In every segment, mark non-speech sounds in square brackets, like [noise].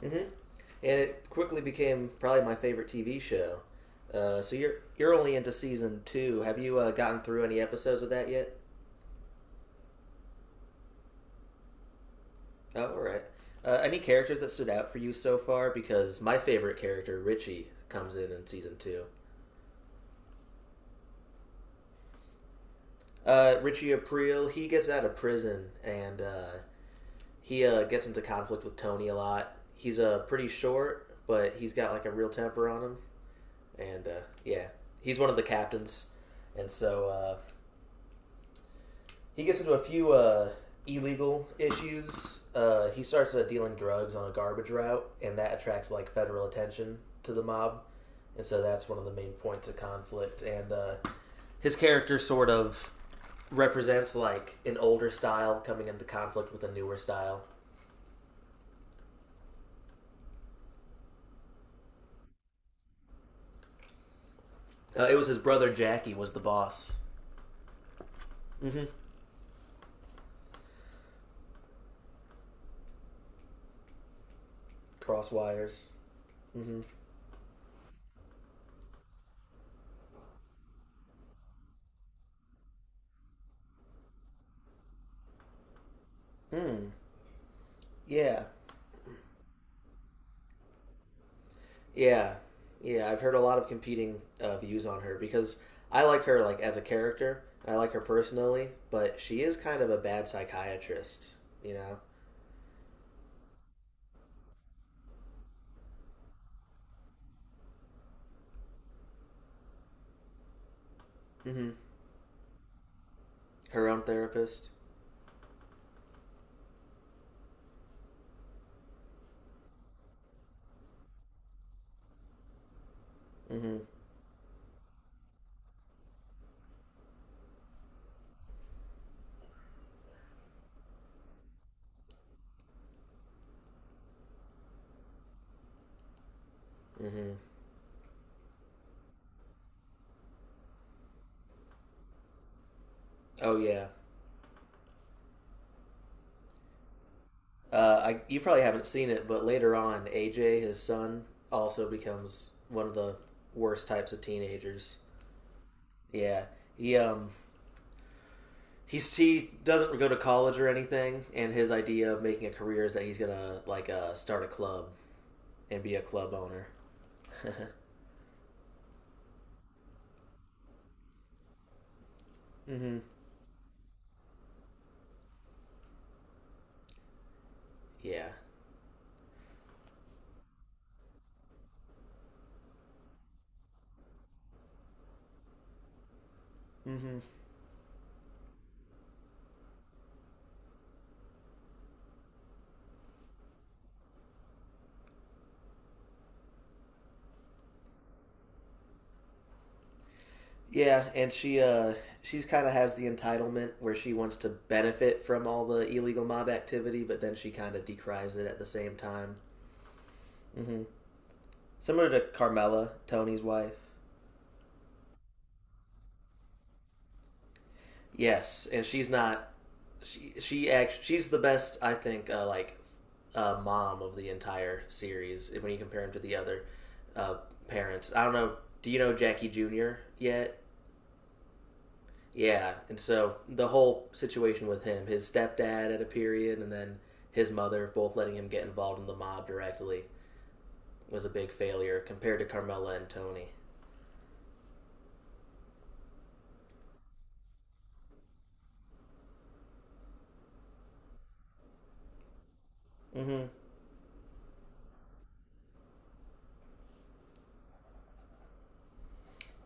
And it quickly became probably my favorite TV show. So you're only into season two. Have you gotten through any episodes of that yet? Oh, all right. Any characters that stood out for you so far? Because my favorite character, Richie, comes in season two. Richie Aprile, he gets out of prison and he gets into conflict with Tony a lot. He's pretty short, but he's got like a real temper on him. And yeah, he's one of the captains. And so he gets into a few illegal issues. He starts dealing drugs on a garbage route, and that attracts like federal attention to the mob, and so that's one of the main points of conflict. And his character sort of represents like an older style coming into conflict with a newer style. It was his brother Jackie was the boss. Mm-hmm. Cross wires. Mm-hmm. Hmm. Yeah. Yeah, yeah. I've heard a lot of competing views on her because I like her like as a character. I like her personally, but she is kind of a bad psychiatrist. You know, mm-hmm. Her own therapist. Mm-hmm. Mm-hmm. Oh yeah. You probably haven't seen it, but later on, AJ, his son, also becomes one of the worst types of teenagers. Yeah, he he doesn't go to college or anything, and his idea of making a career is that he's gonna like start a club and be a club owner. [laughs] Mm-hmm. Yeah. Mm-hmm. Yeah, and she she's kind of has the entitlement where she wants to benefit from all the illegal mob activity, but then she kind of decries it at the same time. Mm-hmm. Similar to Carmela, Tony's wife. Yes, and she's not she's the best I think like mom of the entire series when you compare him to the other uh, parents. I don't know. Do you know Jackie Jr. yet? Yeah, and so the whole situation with him, his stepdad at a period, and then his mother, both letting him get involved in the mob directly, was a big failure compared to Carmela and Tony. Mm-hmm.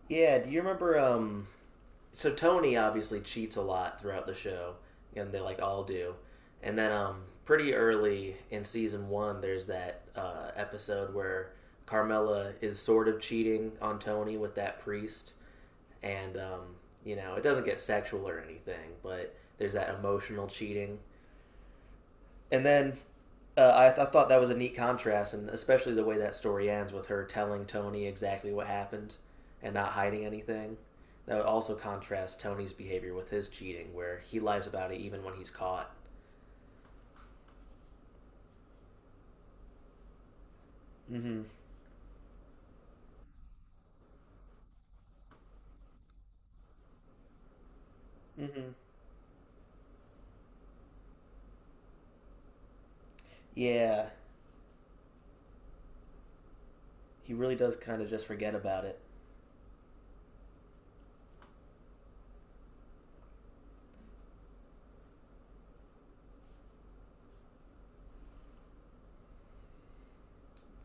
Yeah, do you remember? So Tony obviously cheats a lot throughout the show, and they like all do. And then pretty early in season one, there's that episode where Carmela is sort of cheating on Tony with that priest and you know it doesn't get sexual or anything, but there's that emotional cheating. And then I thought that was a neat contrast, and especially the way that story ends with her telling Tony exactly what happened and not hiding anything. That would also contrast Tony's behavior with his cheating, where he lies about it even when he's caught. Mm-hmm. Mm-hmm. Yeah, he really does kind of just forget about it.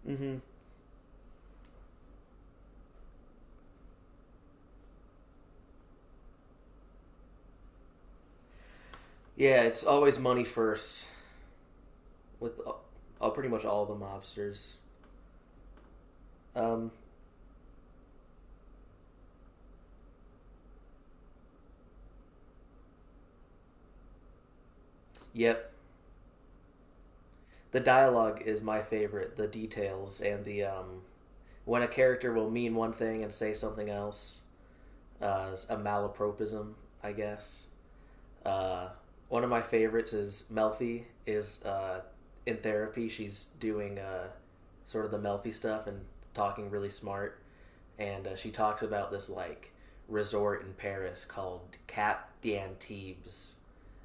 Mm-hmm. Yeah, it's always money first with pretty much all the mobsters. Um, yep, the dialogue is my favorite. The details and the when a character will mean one thing and say something else. A malapropism, I guess. Uh, one of my favorites is Melfi is in therapy. She's doing sort of the Melfi stuff and talking really smart. And she talks about this like resort in Paris called Cap d'Antibes,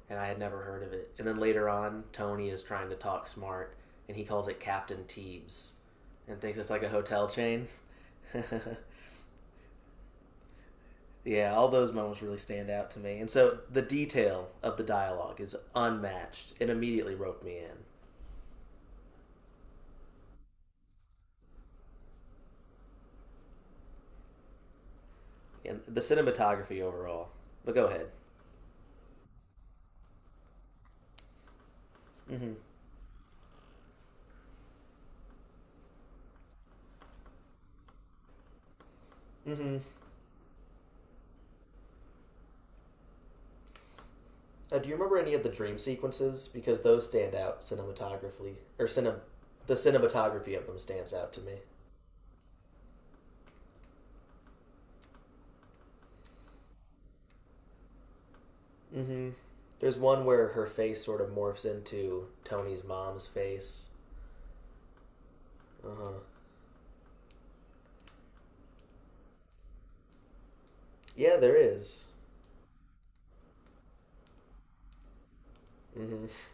and I had never heard of it. And then later on, Tony is trying to talk smart, and he calls it Captain Teebs and thinks it's like a hotel chain. [laughs] Yeah, all those moments really stand out to me. And so the detail of the dialogue is unmatched. It immediately roped me in. And the cinematography overall. But go ahead. Mm-hmm. Mm-hmm. Do you remember any of the dream sequences? Because those stand out cinematographically, the cinematography of them stands out to me. Hmm. There's one where her face sort of morphs into Tony's mom's face. Uh huh. Yeah, there is. Mm-hmm.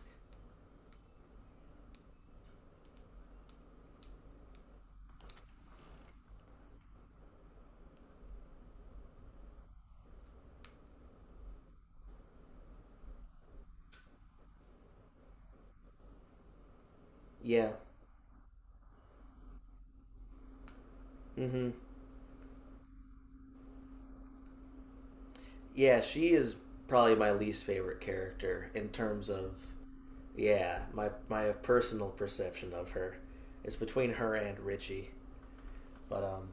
Yeah. Mm-hmm. Yeah, she is probably my least favorite character in terms of yeah my personal perception of her. It's between her and Richie. But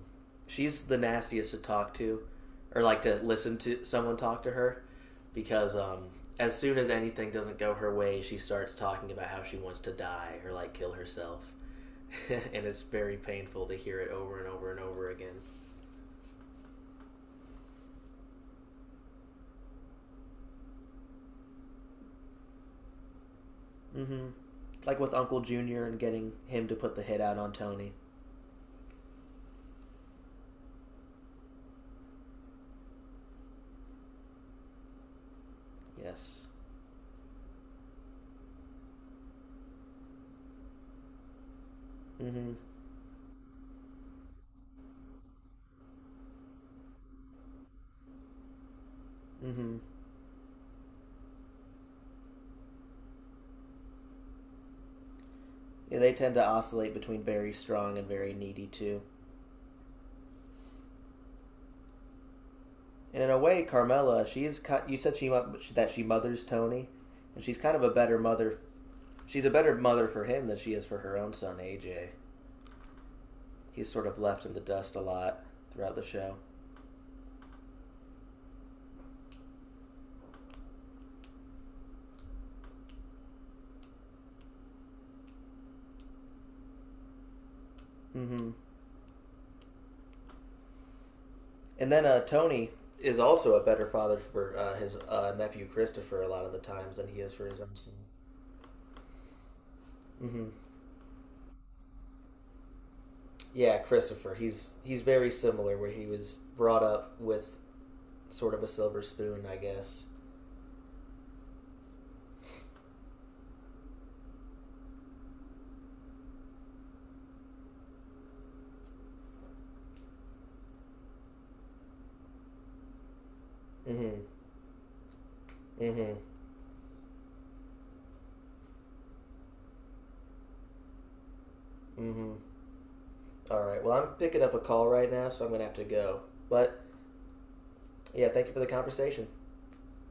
she's the nastiest to talk to, or like to listen to someone talk to her, because as soon as anything doesn't go her way, she starts talking about how she wants to die or like kill herself, [laughs] and it's very painful to hear it over and over and over again. Mm-hmm. Like with Uncle Junior and getting him to put the hit out on Tony. Yes. Mm-hmm. Mm-hmm. Yeah, they tend to oscillate between very strong and very needy too. And in a way, Carmela, she is. You said she That she mothers Tony, and she's kind of a better mother. She's a better mother for him than she is for her own son AJ. He's sort of left in the dust a lot throughout the show. Hmm. And then Tony is also a better father for his nephew Christopher a lot of the times than he is for his own son. Hmm. Yeah, Christopher. He's very similar where he was brought up with sort of a silver spoon, I guess. Mm-hmm. Mm-hmm. Mm-hmm. All right. Well, I'm picking up a call right now, so I'm going to have to go. But yeah, thank you for the conversation.